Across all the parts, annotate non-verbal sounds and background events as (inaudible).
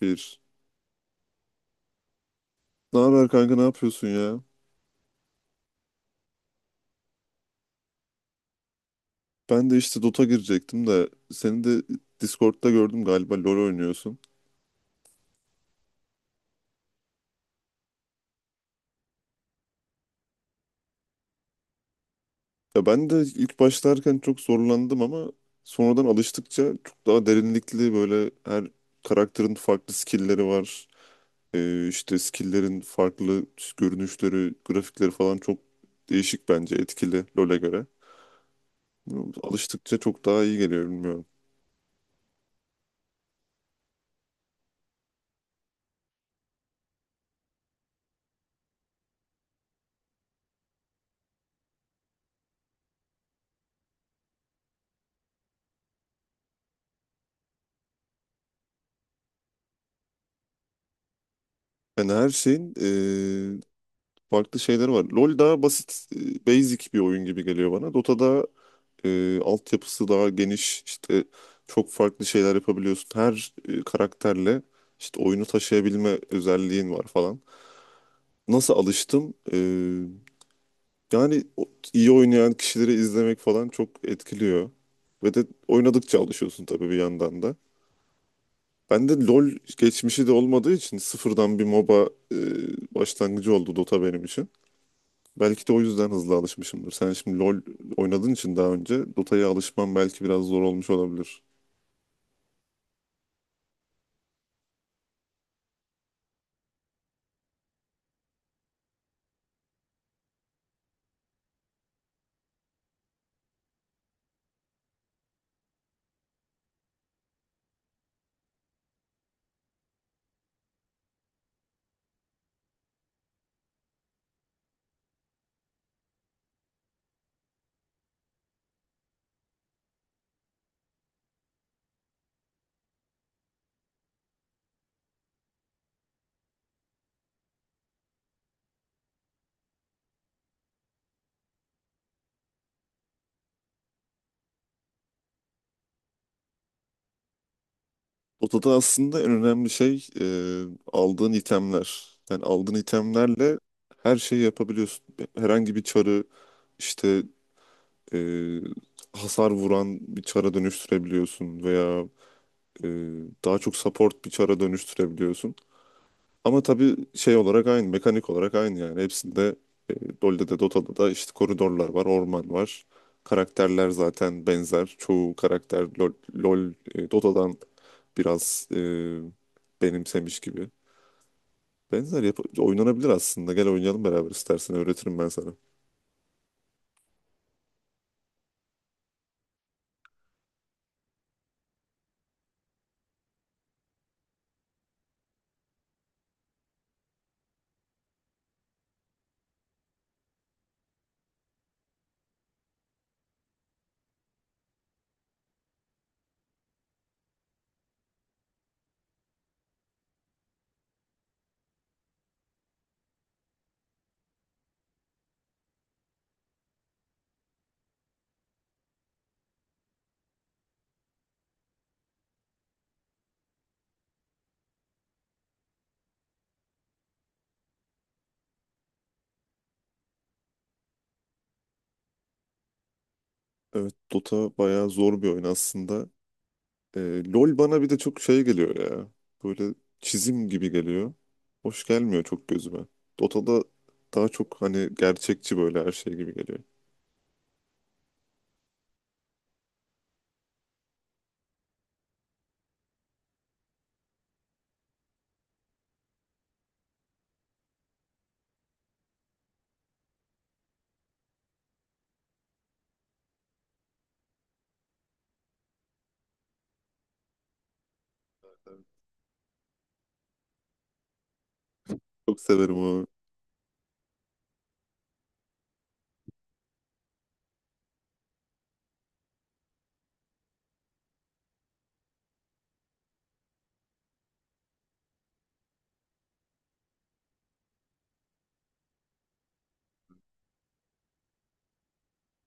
Bir. Ne haber kanka, ne yapıyorsun ya? Ben de işte Dota girecektim de seni de Discord'da gördüm, galiba LoL oynuyorsun. Ya ben de ilk başlarken çok zorlandım, ama sonradan alıştıkça çok daha derinlikli, böyle her karakterin farklı skill'leri var. İşte skill'lerin farklı görünüşleri, grafikleri falan çok değişik, bence etkili LoL'e göre. Bilmiyorum, alıştıkça çok daha iyi geliyor, bilmiyorum. Yani her şeyin farklı şeyler var. LoL daha basit, basic bir oyun gibi geliyor bana. Dota'da altyapısı daha geniş. İşte çok farklı şeyler yapabiliyorsun. Her karakterle işte oyunu taşıyabilme özelliğin var falan. Nasıl alıştım? Yani iyi oynayan kişileri izlemek falan çok etkiliyor. Ve de oynadıkça alışıyorsun tabii, bir yandan da. Ben de LoL geçmişi de olmadığı için sıfırdan bir MOBA başlangıcı oldu Dota benim için. Belki de o yüzden hızlı alışmışımdır. Sen şimdi LoL oynadığın için daha önce Dota'ya alışman belki biraz zor olmuş olabilir. Dota'da aslında en önemli şey aldığın itemler. Yani aldığın itemlerle her şeyi yapabiliyorsun. Herhangi bir çarı işte e, hasar vuran bir çara dönüştürebiliyorsun, veya e, daha çok support bir çara dönüştürebiliyorsun. Ama tabii şey olarak aynı, mekanik olarak aynı yani. Hepsinde e, LoL'de de Dota'da da işte koridorlar var, orman var. Karakterler zaten benzer. Çoğu karakter LoL, Dota'dan biraz benimsemiş gibi. Benzer oynanabilir aslında. Gel oynayalım beraber, istersen öğretirim ben sana. Evet, Dota bayağı zor bir oyun aslında. LOL bana bir de çok şey geliyor ya. Böyle çizim gibi geliyor. Hoş gelmiyor çok gözüme. Dota'da daha çok hani gerçekçi, böyle her şey gibi geliyor. Evet. Çok severim o.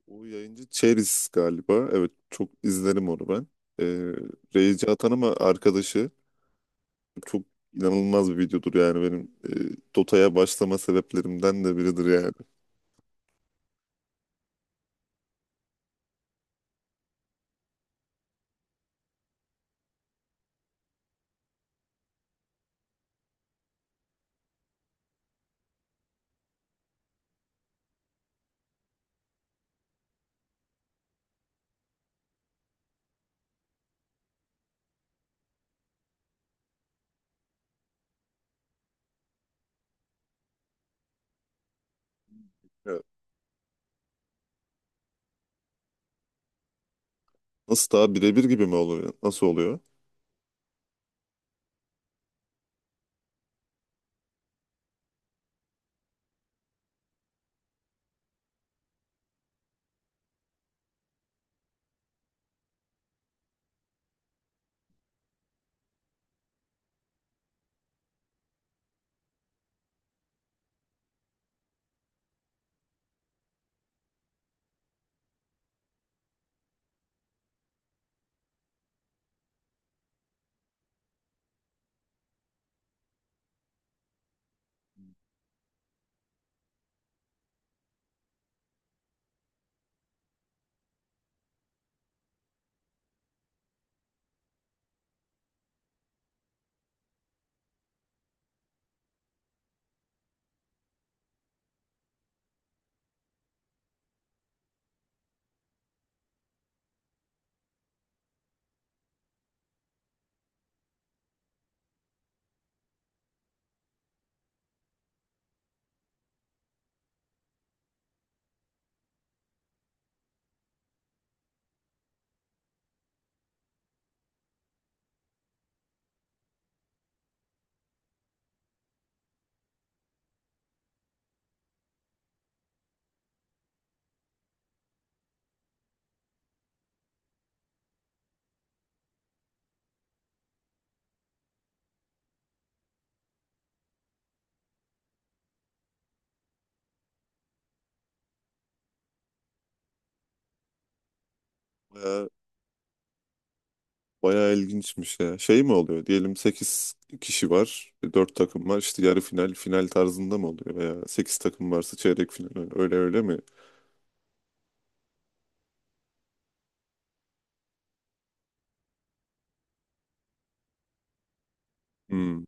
O yayıncı Cheris galiba. Evet, çok izlerim onu ben. Ee, Rage atan ama arkadaşı. Çok inanılmaz bir videodur yani, benim Dota'ya başlama sebeplerimden de biridir yani. Evet. Nasıl, daha birebir gibi mi oluyor? Nasıl oluyor? Bayağı ilginçmiş ya. Şey mi oluyor? Diyelim 8 kişi var, 4 takım var. İşte yarı final, final tarzında mı oluyor? Veya 8 takım varsa çeyrek final. Öyle öyle mi? Hmm.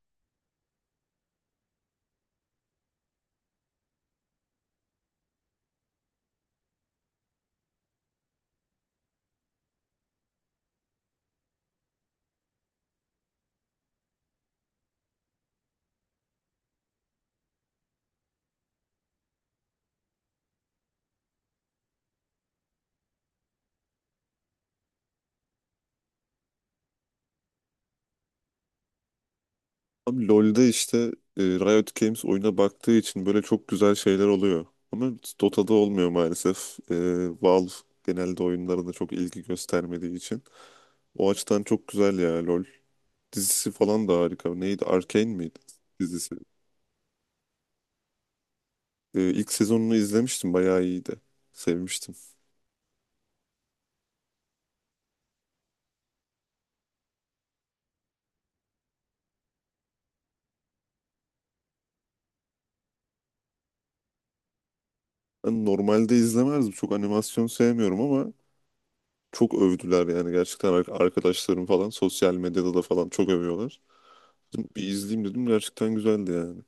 Abi LoL'de işte Riot Games oyuna baktığı için böyle çok güzel şeyler oluyor. Ama Dota'da olmuyor maalesef. Valve genelde oyunlarına çok ilgi göstermediği için. O açıdan çok güzel ya LoL. Dizisi falan da harika. Neydi? Arcane miydi dizisi? İlk sezonunu izlemiştim. Bayağı iyiydi. Sevmiştim. Ben normalde izlemezdim. Çok animasyon sevmiyorum, ama çok övdüler yani, gerçekten arkadaşlarım falan sosyal medyada da falan çok övüyorlar. Dedim, bir izleyeyim dedim, gerçekten güzeldi yani.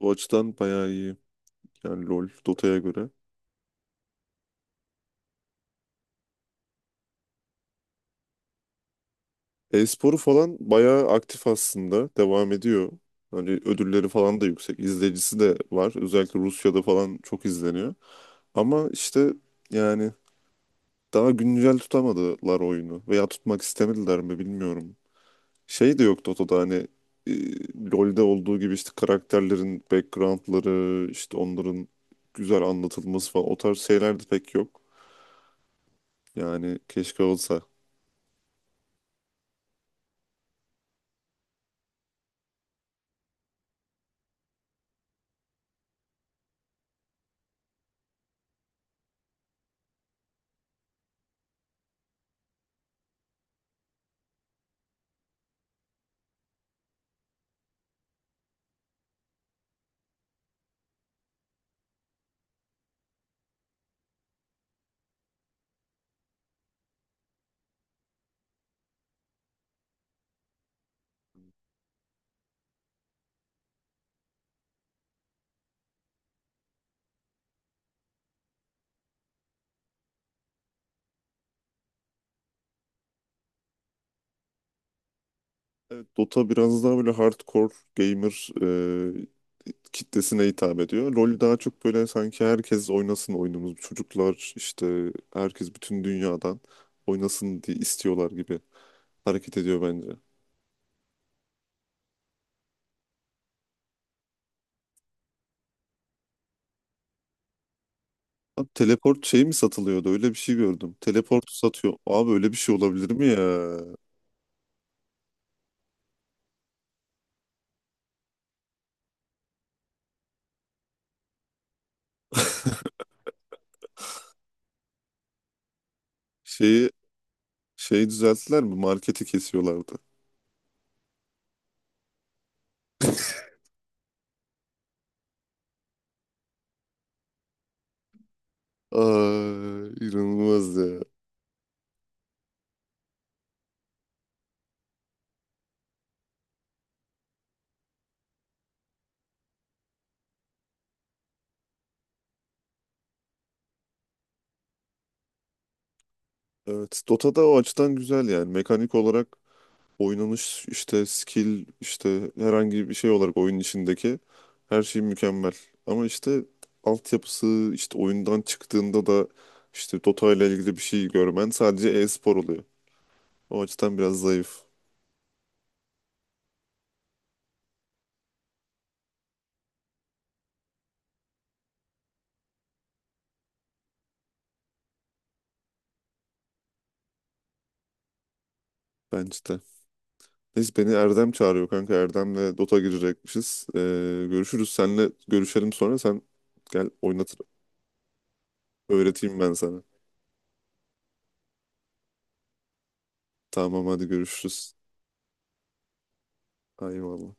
O açıdan bayağı iyi. Yani LoL, Dota'ya göre. E-sporu falan bayağı aktif aslında. Devam ediyor. Hani ödülleri falan da yüksek. İzleyicisi de var. Özellikle Rusya'da falan çok izleniyor. Ama işte yani daha güncel tutamadılar oyunu. Veya tutmak istemediler mi, bilmiyorum. Şey de yok Toto'da, hani e, LoL'de olduğu gibi işte karakterlerin backgroundları, işte onların güzel anlatılması falan, o tarz şeyler de pek yok. Yani keşke olsa. Evet, Dota biraz daha böyle hardcore gamer kitlesine hitap ediyor. LoL daha çok böyle, sanki herkes oynasın oyunumuz, çocuklar işte herkes bütün dünyadan oynasın diye istiyorlar gibi hareket ediyor bence. Abi teleport şey mi satılıyordu? Öyle bir şey gördüm. Teleport satıyor. Abi öyle bir şey olabilir mi ya? Şeyi şeyi düzelttiler mi? Marketi kesiyorlardı. (laughs) Ay, inanılmaz ya. Evet, Dota'da o açıdan güzel yani. Mekanik olarak oynanış, işte skill, işte herhangi bir şey olarak oyunun içindeki her şey mükemmel. Ama işte altyapısı, işte oyundan çıktığında da işte Dota ile ilgili bir şey görmen sadece e-spor oluyor. O açıdan biraz zayıf bence. Neyse, beni Erdem çağırıyor kanka. Erdem'le Dota girecekmişiz. Görüşürüz. Seninle görüşelim sonra. Sen gel oynatır. Öğreteyim ben sana. Tamam, hadi görüşürüz. Eyvallah.